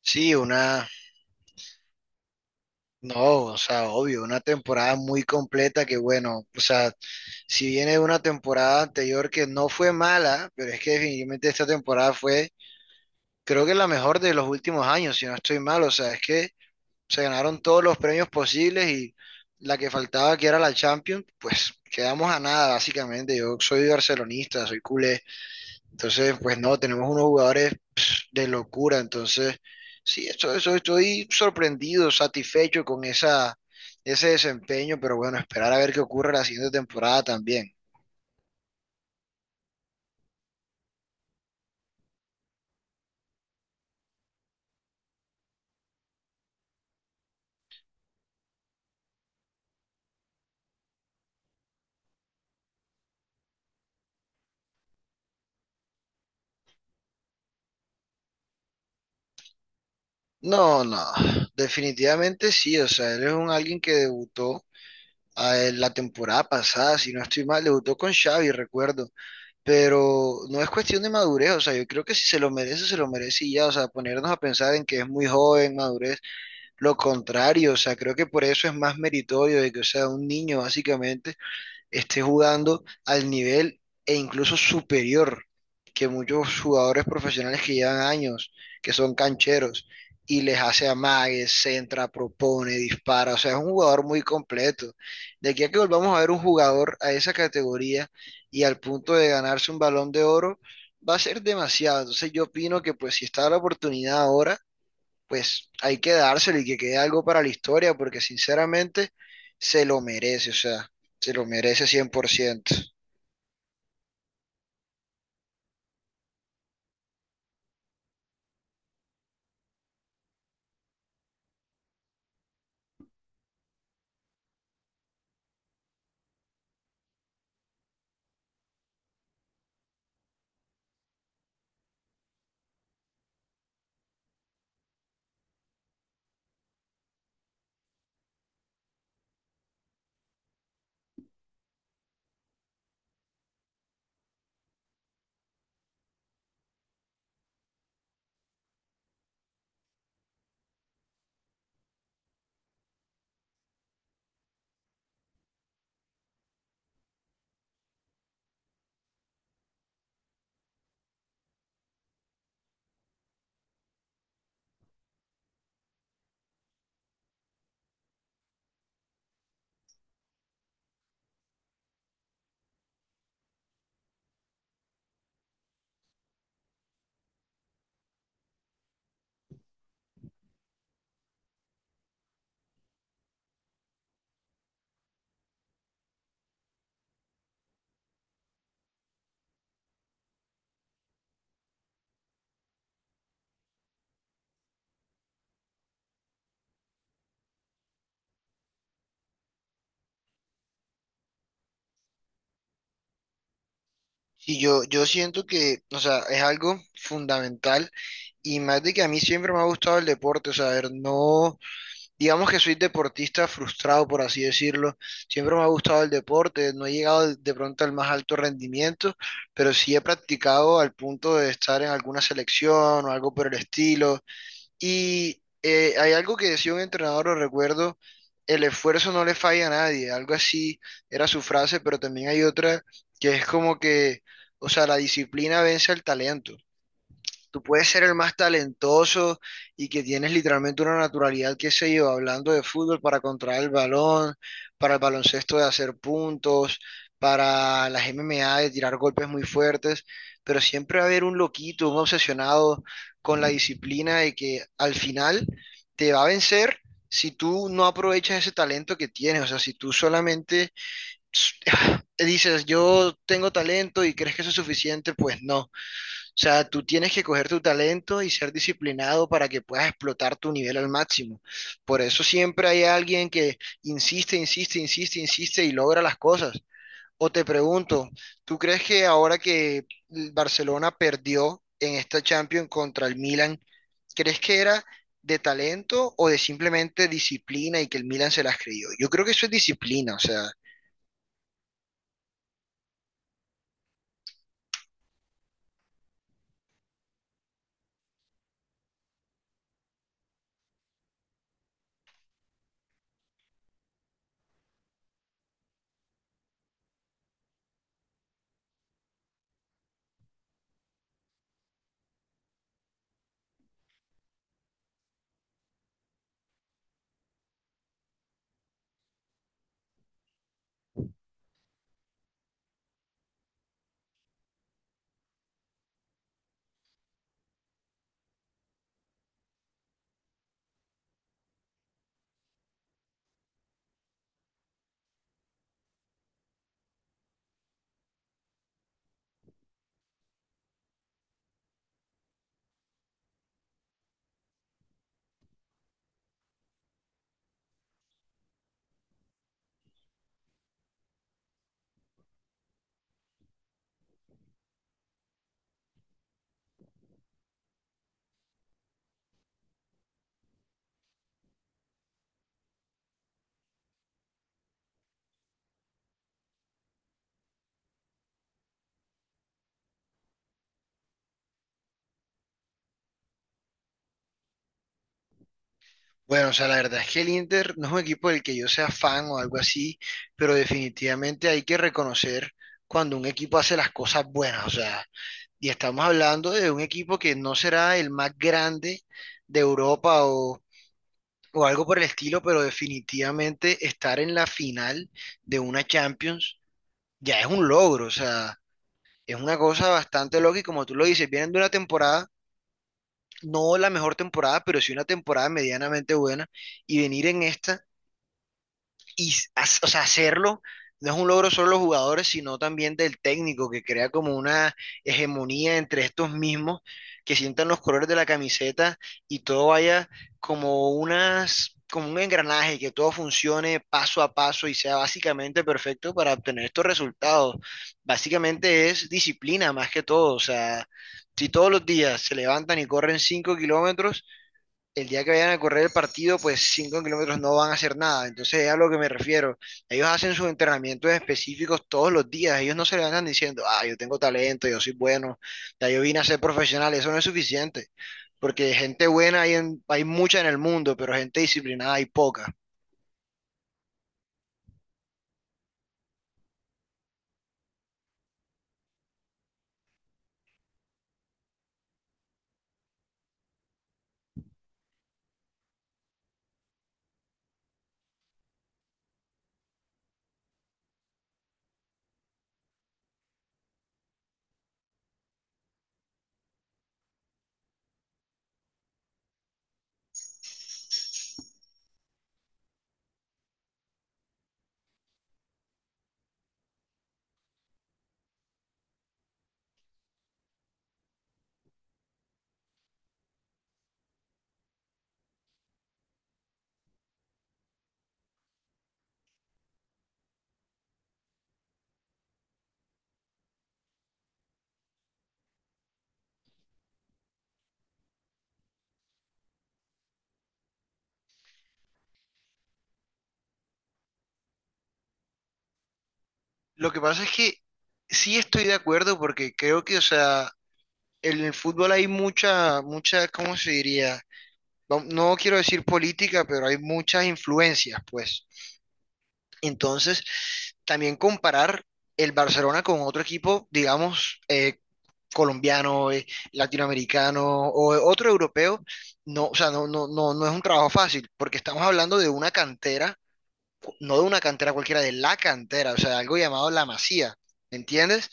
Sí, no, o sea, obvio, una temporada muy completa que bueno, o sea, si viene de una temporada anterior que no fue mala, pero es que definitivamente esta temporada fue, creo que la mejor de los últimos años, si no estoy mal, o sea, es que se ganaron todos los premios posibles y la que faltaba, que era la Champions, pues quedamos a nada, básicamente. Yo soy barcelonista, soy culé, entonces, pues no, tenemos unos jugadores de locura. Entonces, sí, estoy sorprendido, satisfecho con ese desempeño, pero bueno, esperar a ver qué ocurre la siguiente temporada también. No, no, definitivamente sí, o sea, él es un alguien que debutó la temporada pasada, si no estoy mal, debutó con Xavi, recuerdo, pero no es cuestión de madurez, o sea, yo creo que si se lo merece, se lo merece y ya, o sea, ponernos a pensar en que es muy joven, madurez, lo contrario, o sea, creo que por eso es más meritorio de que, o sea, un niño básicamente esté jugando al nivel e incluso superior que muchos jugadores profesionales que llevan años, que son cancheros, y les hace amagues, centra, propone, dispara. O sea, es un jugador muy completo. De aquí a que volvamos a ver un jugador a esa categoría y al punto de ganarse un balón de oro, va a ser demasiado. Entonces yo opino que pues si está la oportunidad ahora, pues hay que dárselo y que quede algo para la historia, porque sinceramente se lo merece, o sea, se lo merece 100%. Y yo siento que, o sea, es algo fundamental y más de que a mí siempre me ha gustado el deporte, o sea, a ver, no, digamos que soy deportista frustrado, por así decirlo, siempre me ha gustado el deporte, no he llegado de pronto al más alto rendimiento, pero sí he practicado al punto de estar en alguna selección o algo por el estilo. Y hay algo que decía un entrenador, lo recuerdo, el esfuerzo no le falla a nadie, algo así era su frase, pero también hay otra que es como que, o sea, la disciplina vence al talento. Tú puedes ser el más talentoso y que tienes literalmente una naturalidad, que se lleva hablando de fútbol para controlar el balón, para el baloncesto de hacer puntos, para las MMA de tirar golpes muy fuertes, pero siempre va a haber un loquito, un obsesionado con la disciplina de que al final te va a vencer si tú no aprovechas ese talento que tienes, o sea, si tú solamente dices, yo tengo talento y crees que eso es suficiente, pues no. O sea, tú tienes que coger tu talento y ser disciplinado para que puedas explotar tu nivel al máximo. Por eso siempre hay alguien que insiste, insiste, insiste, insiste y logra las cosas. O te pregunto, ¿tú crees que ahora que el Barcelona perdió en esta Champions contra el Milan, crees que era de talento o de simplemente disciplina y que el Milan se las creyó? Yo creo que eso es disciplina, o sea, bueno, o sea, la verdad es que el Inter no es un equipo del que yo sea fan o algo así, pero definitivamente hay que reconocer cuando un equipo hace las cosas buenas, o sea, y estamos hablando de un equipo que no será el más grande de Europa o algo por el estilo, pero definitivamente estar en la final de una Champions ya es un logro, o sea, es una cosa bastante loca y como tú lo dices, vienen de una temporada, no la mejor temporada, pero sí una temporada medianamente buena y venir en esta y o sea, hacerlo no es un logro solo de los jugadores, sino también del técnico que crea como una hegemonía entre estos mismos que sientan los colores de la camiseta y todo vaya como un engranaje, que todo funcione paso a paso y sea básicamente perfecto para obtener estos resultados. Básicamente es disciplina más que todo, o sea, si todos los días se levantan y corren 5 km, el día que vayan a correr el partido, pues 5 km no van a hacer nada. Entonces es a lo que me refiero. Ellos hacen sus entrenamientos específicos todos los días. Ellos no se levantan diciendo, ah, yo tengo talento, yo soy bueno, ya yo vine a ser profesional. Eso no es suficiente. Porque gente buena hay, hay mucha en el mundo, pero gente disciplinada hay poca. Lo que pasa es que sí estoy de acuerdo porque creo que, o sea, en el fútbol hay mucha, mucha, ¿cómo se diría? No quiero decir política, pero hay muchas influencias, pues. Entonces, también comparar el Barcelona con otro equipo, digamos, colombiano, latinoamericano o otro europeo, no, o sea, no, no, no, no es un trabajo fácil, porque estamos hablando de una cantera, no de una cantera cualquiera, de la cantera, o sea, algo llamado la Masía, ¿me entiendes?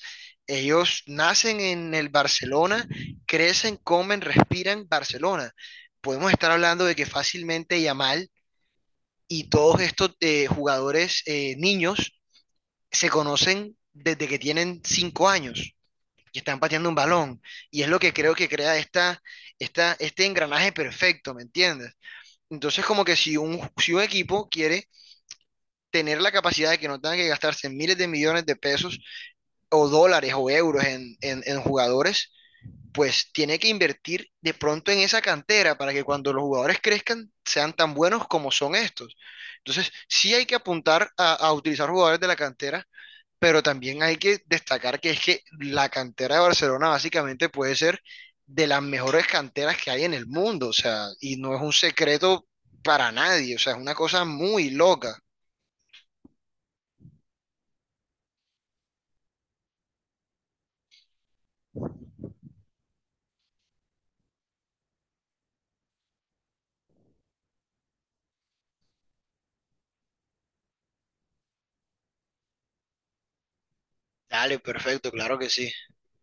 Ellos nacen en el Barcelona, crecen, comen, respiran Barcelona. Podemos estar hablando de que fácilmente Yamal y todos estos jugadores niños se conocen desde que tienen 5 años y están pateando un balón. Y es lo que creo que crea este engranaje perfecto, ¿me entiendes? Entonces, como que si un, si un equipo quiere tener la capacidad de que no tengan que gastarse miles de millones de pesos o dólares o euros en, en jugadores, pues tiene que invertir de pronto en esa cantera para que cuando los jugadores crezcan sean tan buenos como son estos. Entonces, sí hay que apuntar a utilizar jugadores de la cantera pero también hay que destacar que es que la cantera de Barcelona básicamente puede ser de las mejores canteras que hay en el mundo, o sea, y no es un secreto para nadie, o sea, es una cosa muy loca. Dale, perfecto, claro que sí.